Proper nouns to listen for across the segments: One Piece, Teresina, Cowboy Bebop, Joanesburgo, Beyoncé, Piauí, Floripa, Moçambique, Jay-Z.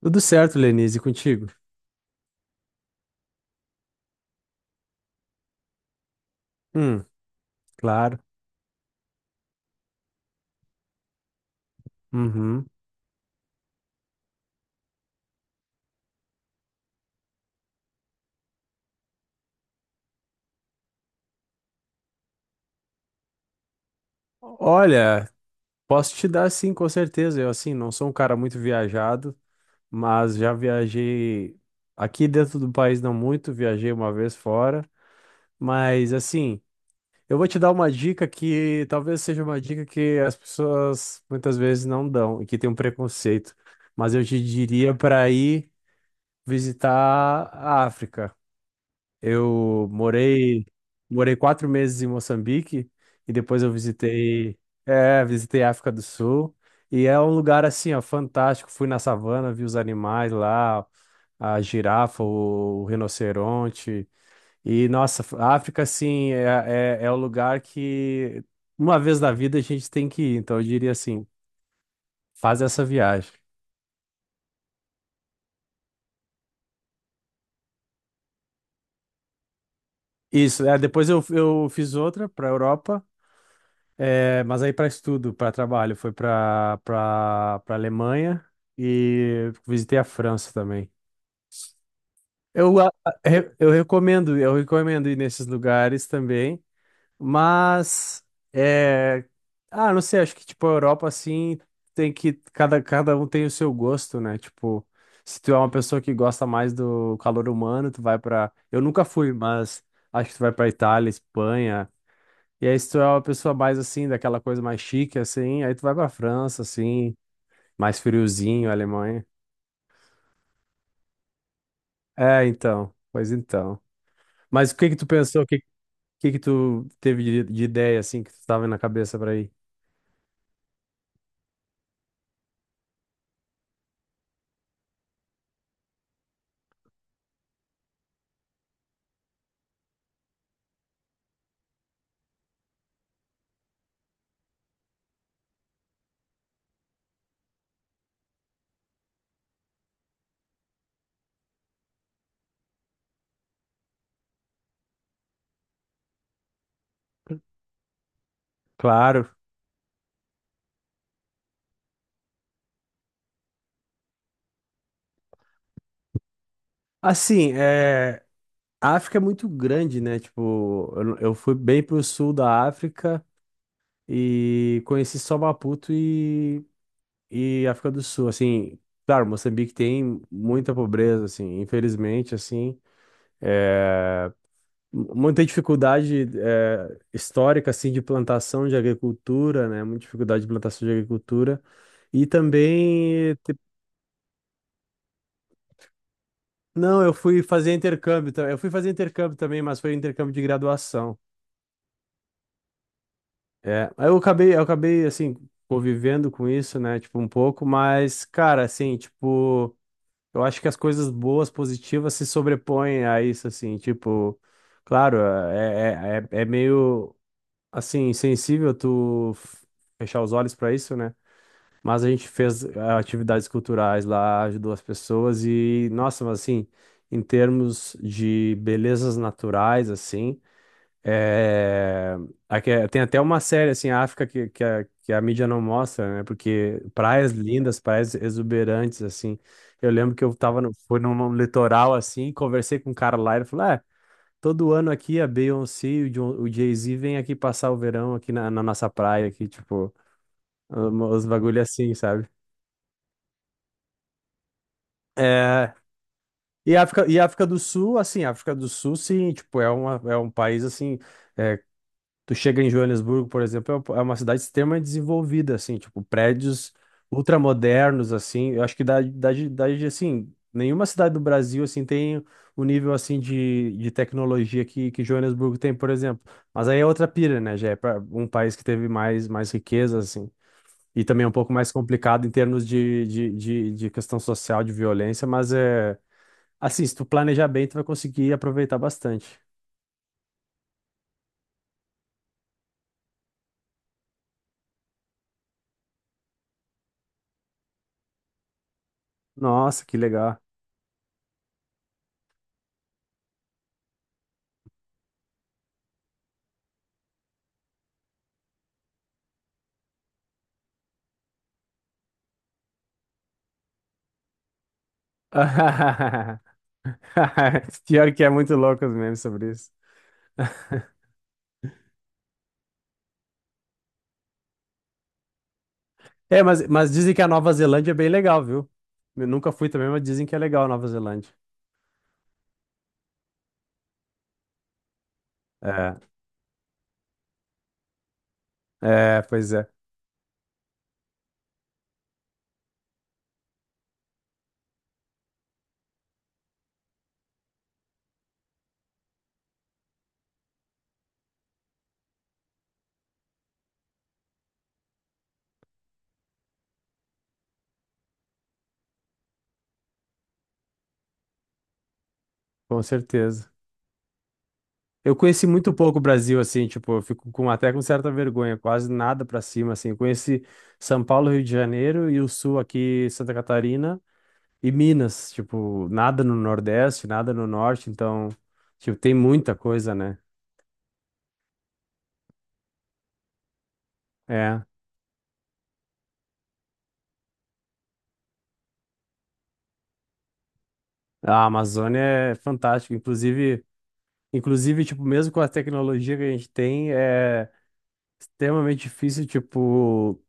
Tudo certo, Lenise, e contigo? Hum. Claro. Uhum. Olha, posso te dar sim, com certeza. Eu, assim, não sou um cara muito viajado, mas já viajei aqui dentro do país, não muito, viajei uma vez fora. Mas, assim, eu vou te dar uma dica que talvez seja uma dica que as pessoas muitas vezes não dão e que tem um preconceito. Mas eu te diria para ir visitar a África. Eu morei 4 meses em Moçambique e depois eu visitei a África do Sul. E é um lugar assim, ó, fantástico. Fui na savana, vi os animais lá, a girafa, o rinoceronte. E nossa, a África assim é o lugar que uma vez na vida a gente tem que ir. Então eu diria assim, faz essa viagem. Isso, é, depois eu fiz outra para Europa. É, mas aí para estudo, para trabalho, foi para Alemanha e visitei a França também. Eu, a- re- eu recomendo ir nesses lugares também, mas é, não sei, acho que tipo a Europa assim tem que cada um tem o seu gosto, né? Tipo, se tu é uma pessoa que gosta mais do calor humano, tu vai para, eu nunca fui, mas acho que tu vai para Itália, Espanha, e aí, se tu é uma pessoa mais assim, daquela coisa mais chique, assim, aí tu vai pra França, assim, mais friozinho, Alemanha. É, então, pois então. Mas o que que tu pensou, que tu teve de ideia, assim, que tu tava na cabeça pra ir? Claro. Assim, a África é muito grande, né? Tipo, eu, não- eu fui bem pro sul da África e conheci só Maputo e África do Sul, assim. Claro, Moçambique tem muita pobreza, assim, infelizmente, assim. Muita dificuldade histórica assim de plantação de agricultura, né? Muita dificuldade de plantação de agricultura. E também, não, eu fui fazer intercâmbio, eu fui fazer intercâmbio também, mas foi intercâmbio de graduação. É, aí eu acabei assim convivendo com isso, né, tipo um pouco, mas cara, assim, tipo, eu acho que as coisas boas, positivas se sobrepõem a isso assim, tipo, claro, é meio assim, sensível tu fechar os olhos pra isso, né? Mas a gente fez atividades culturais lá, ajudou as pessoas e, nossa, mas assim, em termos de belezas naturais, assim, é... aqui tem até uma série, assim, África, que a mídia não mostra, né? Porque praias lindas, praias exuberantes, assim. Eu lembro que eu tava no, fui num litoral, assim, conversei com um cara lá, ele falou, "Ah, todo ano aqui a Beyoncé e o o Jay-Z vêm aqui passar o verão aqui na nossa praia, aqui, tipo, os bagulho assim, sabe?" É, e África do Sul, assim, África do Sul, sim, tipo, é um país, assim, é, tu chega em Joanesburgo, por exemplo, é uma cidade extremamente desenvolvida, assim, tipo, prédios ultramodernos, assim, eu acho que assim, nenhuma cidade do Brasil, assim, tem o nível, assim, de tecnologia que Joanesburgo tem, por exemplo, mas aí é outra pira, né, já é pra um país que teve mais, mais riqueza, assim, e também é um pouco mais complicado em termos de questão social, de violência, mas é, assim, se tu planejar bem, tu vai conseguir aproveitar bastante. Nossa, que legal. Pior que é muito louco os memes sobre isso. É, mas dizem que a Nova Zelândia é bem legal, viu? Eu nunca fui também, mas dizem que é legal a Nova Zelândia. É, é, pois é, com certeza. Eu conheci muito pouco o Brasil, assim, tipo, eu fico com, até com certa vergonha, quase nada pra cima, assim. Eu conheci São Paulo, Rio de Janeiro e o Sul aqui, Santa Catarina e Minas, tipo, nada no Nordeste, nada no Norte, então, tipo, tem muita coisa, né? É. A Amazônia é fantástica, inclusive, tipo, mesmo com a tecnologia que a gente tem, é extremamente difícil, tipo,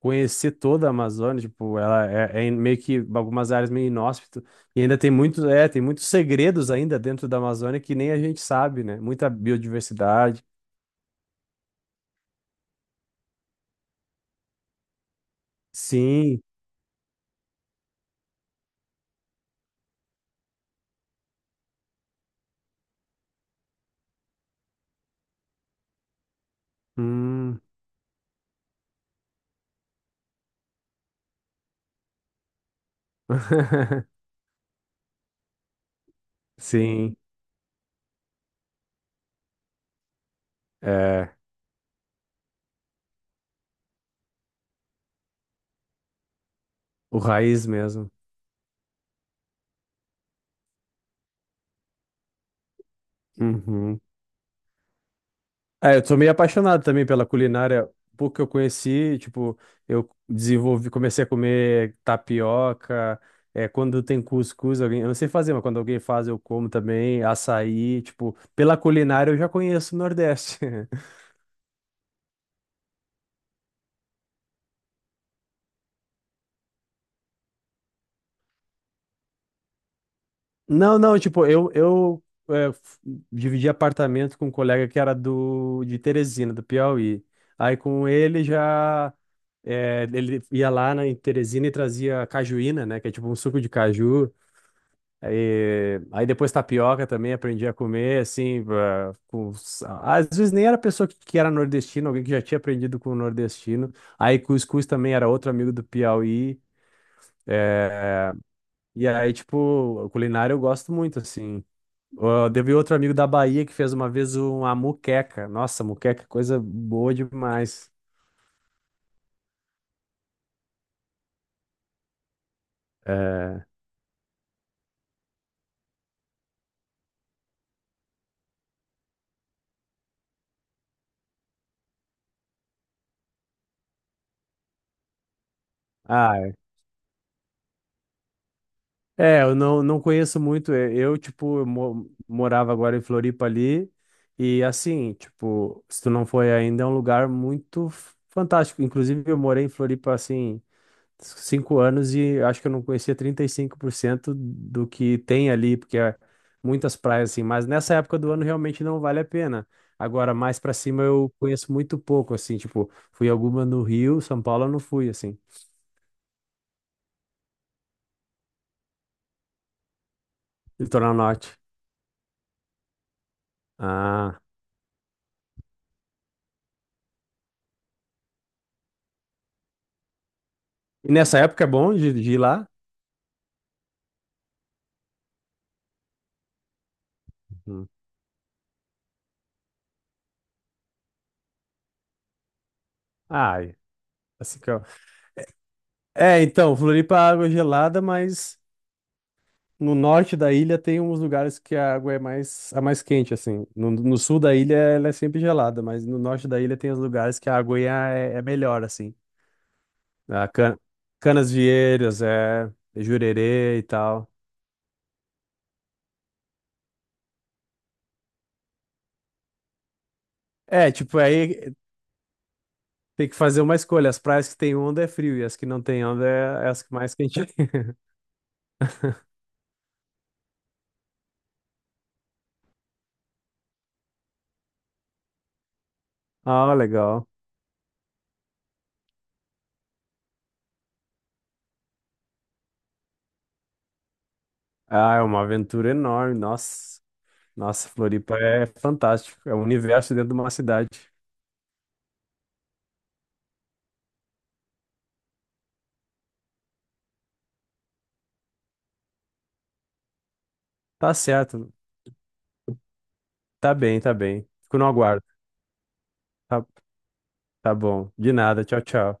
conhecer toda a Amazônia, tipo, ela é meio que algumas áreas meio inóspito e ainda tem tem muitos segredos ainda dentro da Amazônia que nem a gente sabe, né? Muita biodiversidade. Sim. Hum. Sim, é, o raiz mesmo. Uhum. É, eu sou meio apaixonado também pela culinária. Pouco que eu conheci, tipo, comecei a comer tapioca. É, quando tem cuscuz, alguém, eu não sei fazer, mas quando alguém faz, eu como também. Açaí, tipo, pela culinária eu já conheço o Nordeste. Não, não, tipo, eu é, f- dividi apartamento com um colega que era de Teresina, do Piauí. Aí com ele já. É, ele ia lá em Teresina e trazia cajuína, né? Que é tipo um suco de caju. E, aí depois tapioca também aprendi a comer, assim, às vezes nem era a pessoa que era nordestina, alguém que já tinha aprendido com o nordestino. Aí cuscuz também era outro amigo do Piauí. E aí, tipo, culinária eu gosto muito, assim. Ó, teve outro amigo da Bahia que fez uma vez uma muqueca. Nossa, muqueca, é coisa boa demais. É. Ah, é, eu não, não conheço muito. É, eu, tipo, eu morava agora em Floripa ali. E assim, tipo, se tu não foi ainda, é um lugar muito fantástico. Inclusive, eu morei em Floripa, assim, 5 anos e acho que eu não conhecia 35% do que tem ali, porque é muitas praias, assim. Mas nessa época do ano realmente não vale a pena. Agora, mais pra cima, eu conheço muito pouco, assim, tipo, fui alguma no Rio, São Paulo eu não fui, assim, litoral norte. Ah. E nessa época é bom de ir lá? Hum. Ai, assim que eu- É, então, Floripa, a água é gelada, mas no norte da ilha tem uns lugares que a água é mais, a mais quente, assim. No sul da ilha ela é sempre gelada, mas no norte da ilha tem os lugares que a água é melhor, assim. A can, Canas é Jurerê e tal. É, tipo, aí tem que fazer uma escolha. As praias que tem onda é frio e as que não tem onda é as que mais quente. Ah, legal. Ah, é uma aventura enorme, nossa. Nossa, Floripa é fantástico. É um universo dentro de uma cidade. Tá certo. Tá bem, tá bem. Fico no aguardo. Tá, tá bom. De nada. Tchau, tchau.